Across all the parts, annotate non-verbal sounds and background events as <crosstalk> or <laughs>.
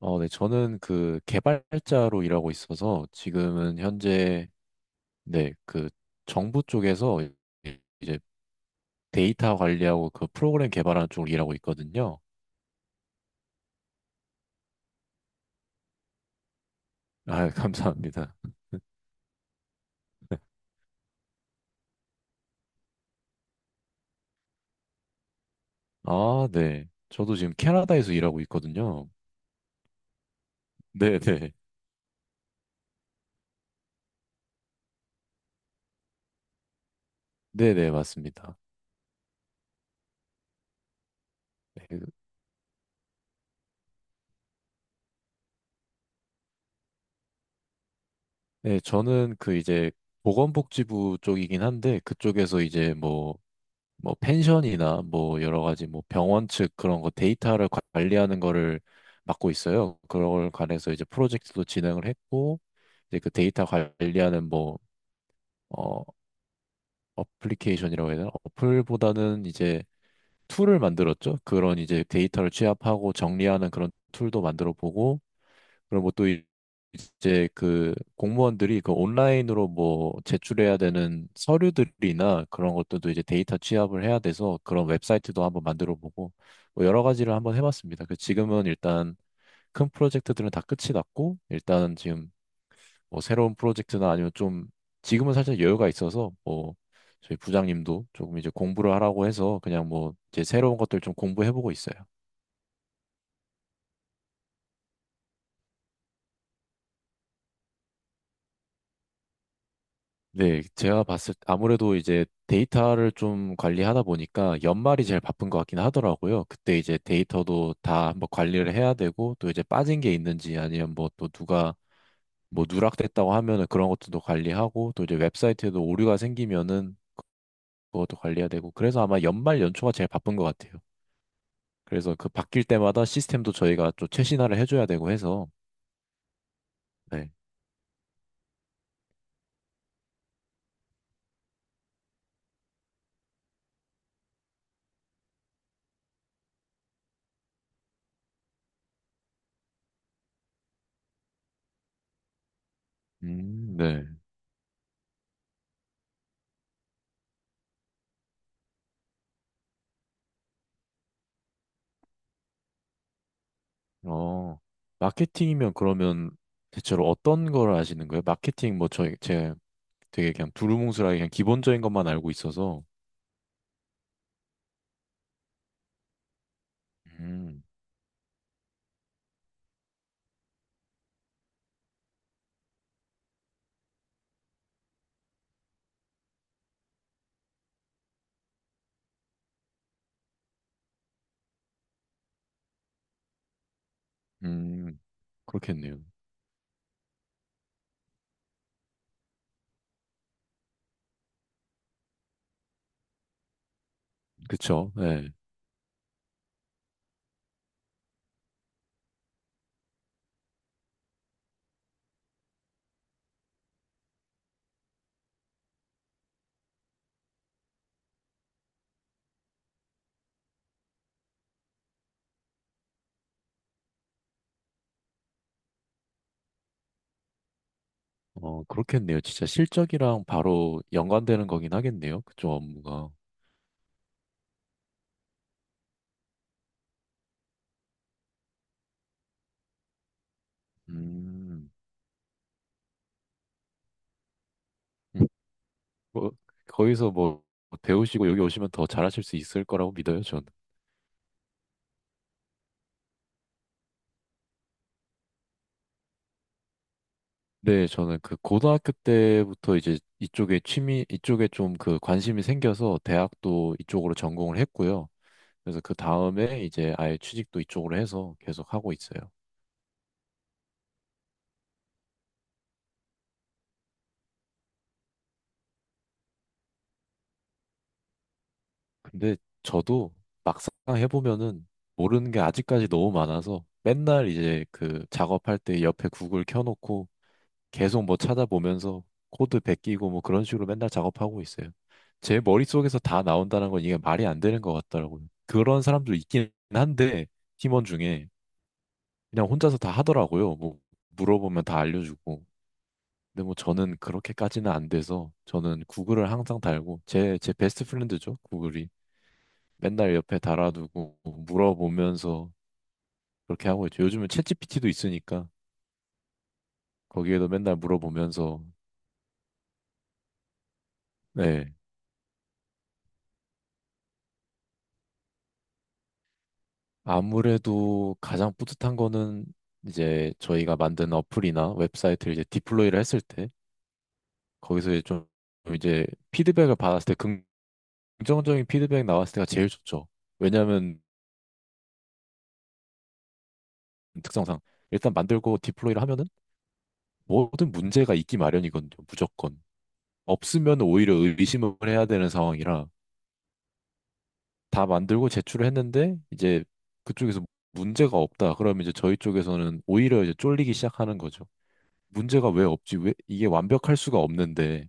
네, 저는 그 개발자로 일하고 있어서 지금은 현재 네, 그 정부 쪽에서 이제 데이터 관리하고 그 프로그램 개발하는 쪽으로 일하고 있거든요. 아, <laughs> 감사합니다. 아, 네. 저도 지금 캐나다에서 일하고 있거든요. 네, 네. 네, 네, 맞습니다. 네, 그- 네, 저는 그 이제 보건복지부 쪽이긴 한데 그쪽에서 이제 뭐 뭐 펜션이나 뭐 여러 가지 뭐 병원 측 그런 거 데이터를 관리하는 거를 맡고 있어요. 그걸 관해서 이제 프로젝트도 진행을 했고 이제 그 데이터 관리하는 뭐 어, 어플리케이션이라고 해야 되나? 어플보다는 이제 툴을 만들었죠. 그런 이제 데이터를 취합하고 정리하는 그런 툴도 만들어 보고 그리고 뭐또 이제 그 공무원들이 그 온라인으로 뭐 제출해야 되는 서류들이나 그런 것들도 이제 데이터 취합을 해야 돼서 그런 웹사이트도 한번 만들어 보고 뭐 여러 가지를 한번 해봤습니다. 그 지금은 일단 큰 프로젝트들은 다 끝이 났고 일단은 지금 뭐 새로운 프로젝트나 아니면 좀 지금은 살짝 여유가 있어서 뭐 저희 부장님도 조금 이제 공부를 하라고 해서 그냥 뭐 이제 새로운 것들 좀 공부해보고 있어요. 네, 제가 봤을 때 아무래도 이제 데이터를 좀 관리하다 보니까 연말이 제일 바쁜 것 같긴 하더라고요. 그때 이제 데이터도 다 한번 관리를 해야 되고 또 이제 빠진 게 있는지 아니면 뭐 또 누가 뭐 누락됐다고 하면은 그런 것도 또 관리하고 또 이제 웹사이트에도 오류가 생기면은 그것도 관리해야 되고 그래서 아마 연말 연초가 제일 바쁜 것 같아요. 그래서 그 바뀔 때마다 시스템도 저희가 좀 최신화를 해줘야 되고 해서 네. 네. 어, 마케팅이면 그러면 대체로 어떤 걸 아시는 거예요? 마케팅 뭐 제 되게 그냥 두루뭉술하게 그냥 기본적인 것만 알고 있어서 음, 음, 그렇겠네요. 그쵸? 네. 어, 그렇겠네요. 진짜 실적이랑 바로 연관되는 거긴 하겠네요. 그쪽 업무가. 음, 뭐, 거기서 뭐 배우시고 여기 오시면 더 잘하실 수 있을 거라고 믿어요, 저는. 네, 저는 그 고등학교 때부터 이제 이쪽에 취미, 이쪽에 좀 그 관심이 생겨서 대학도 이쪽으로 전공을 했고요. 그래서 그 다음에 이제 아예 취직도 이쪽으로 해서 계속 하고 있어요. 근데 저도 막상 해보면은 모르는 게 아직까지 너무 많아서 맨날 이제 그 작업할 때 옆에 구글 켜놓고 계속 뭐 찾아보면서 코드 베끼고 뭐 그런 식으로 맨날 작업하고 있어요. 제 머릿속에서 다 나온다는 건 이게 말이 안 되는 것 같더라고요. 그런 사람도 있긴 한데, 팀원 중에 그냥 혼자서 다 하더라고요. 뭐 물어보면 다 알려주고. 근데 뭐 저는 그렇게까지는 안 돼서 저는 구글을 항상 달고 제 베스트 프렌드죠. 구글이. 맨날 옆에 달아두고 물어보면서 그렇게 하고 있죠. 요즘은 챗GPT도 있으니까 거기에도 맨날 물어보면서 네. 아무래도 가장 뿌듯한 거는 이제 저희가 만든 어플이나 웹사이트를 이제 디플로이를 했을 때 거기서 이제 좀 이제 피드백을 받았을 때 긍정적인 피드백 나왔을 때가 제일 좋죠. 왜냐하면 특성상 일단 만들고 디플로이를 하면은 모든 문제가 있기 마련이거든요. 무조건. 없으면 오히려 의심을 해야 되는 상황이라 다 만들고 제출을 했는데 이제 그쪽에서 문제가 없다. 그러면 이제 저희 쪽에서는 오히려 이제 쫄리기 시작하는 거죠. 문제가 왜 없지? 왜 이게 완벽할 수가 없는데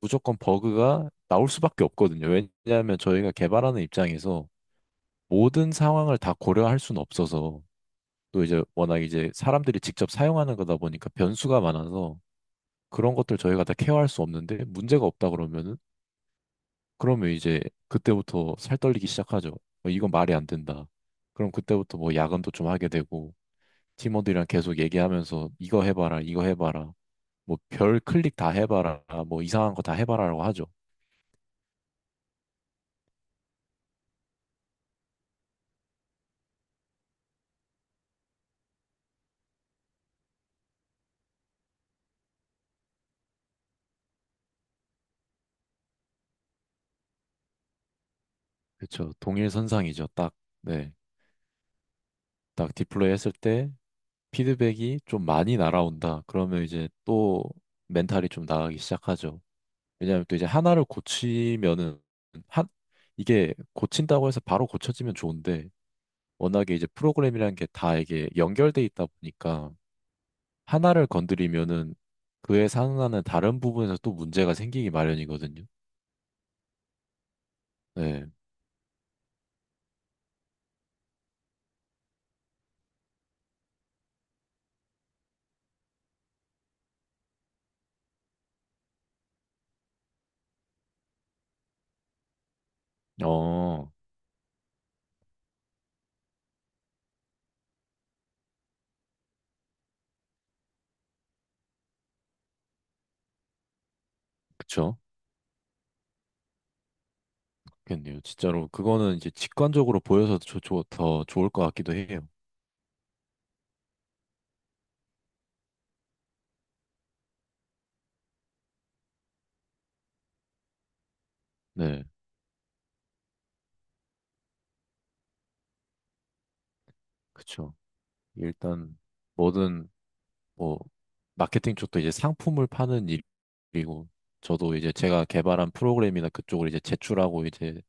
무조건 버그가 나올 수밖에 없거든요. 왜냐하면 저희가 개발하는 입장에서 모든 상황을 다 고려할 수는 없어서 또 이제 워낙 이제 사람들이 직접 사용하는 거다 보니까 변수가 많아서 그런 것들 저희가 다 케어할 수 없는데 문제가 없다 그러면은 그러면 이제 그때부터 살 떨리기 시작하죠. 어, 이건 말이 안 된다. 그럼 그때부터 뭐 야근도 좀 하게 되고 팀원들이랑 계속 얘기하면서 이거 해봐라, 이거 해봐라. 뭐 별 클릭 다 해봐라, 뭐 이상한 거 다 해봐라라고 하죠. 그쵸. 동일 선상이죠. 딱, 네. 딱 디플레이 했을 때 피드백이 좀 많이 날아온다. 그러면 이제 또 멘탈이 좀 나가기 시작하죠. 왜냐하면 또 이제 하나를 고치면은, 한, 이게 고친다고 해서 바로 고쳐지면 좋은데, 워낙에 이제 프로그램이라는 게 다 이게 연결돼 있다 보니까 하나를 건드리면은 그에 상응하는 다른 부분에서 또 문제가 생기기 마련이거든요. 네. 어, 그쵸. 그렇겠네요. 진짜로 그거는 이제 직관적으로 보여서 더 좋을 것 같기도 해요. 네. 그쵸. 일단 뭐든 뭐 마케팅 쪽도 이제 상품을 파는 일이고 저도 이제 제가 개발한 프로그램이나 그쪽을 이제 제출하고 이제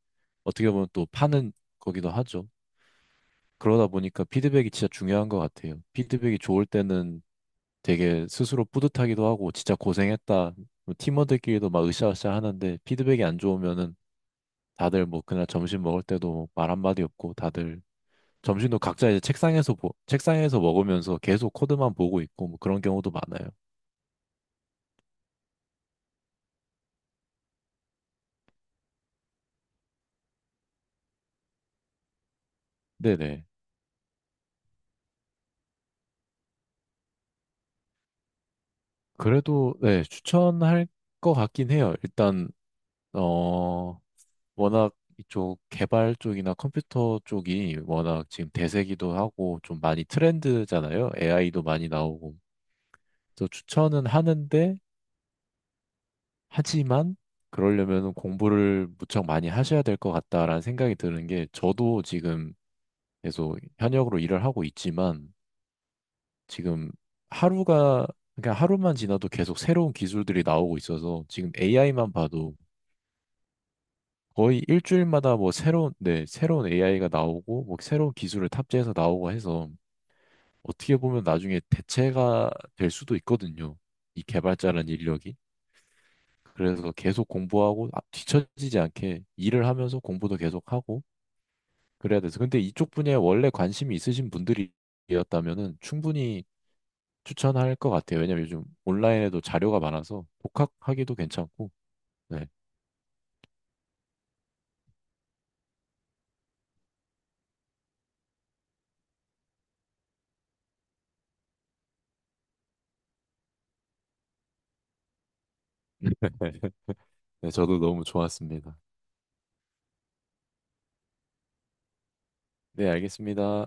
어떻게 보면 또 파는 거기도 하죠. 그러다 보니까 피드백이 진짜 중요한 것 같아요. 피드백이 좋을 때는 되게 스스로 뿌듯하기도 하고 진짜 고생했다. 뭐 팀원들끼리도 막 으쌰으쌰 하는데 피드백이 안 좋으면은 다들 뭐 그날 점심 먹을 때도 뭐 말 한마디 없고 다들 점심도 각자 이제 책상에서 책상에서 먹으면서 계속 코드만 보고 있고 뭐 그런 경우도 많아요. 네네. 그래도 네 추천할 것 같긴 해요. 일단 어 워낙 이쪽 개발 쪽이나 컴퓨터 쪽이 워낙 지금 대세기도 하고 좀 많이 트렌드잖아요. AI도 많이 나오고. 그래서 추천은 하는데 하지만 그러려면 공부를 무척 많이 하셔야 될 것 같다라는 생각이 드는 게 저도 지금 계속 현역으로 일을 하고 있지만 지금 하루가 그냥 하루만 지나도 계속 새로운 기술들이 나오고 있어서 지금 AI만 봐도 거의 일주일마다 뭐 새로운, 네, 새로운 AI가 나오고, 뭐 새로운 기술을 탑재해서 나오고 해서 어떻게 보면 나중에 대체가 될 수도 있거든요. 이 개발자라는 인력이. 그래서 계속 공부하고 아, 뒤처지지 않게 일을 하면서 공부도 계속 하고 그래야 돼서. 근데 이쪽 분야에 원래 관심이 있으신 분들이었다면은 충분히 추천할 것 같아요. 왜냐면 요즘 온라인에도 자료가 많아서 독학하기도 괜찮고. 네. <laughs> 네, 저도 너무 좋았습니다. 네, 알겠습니다.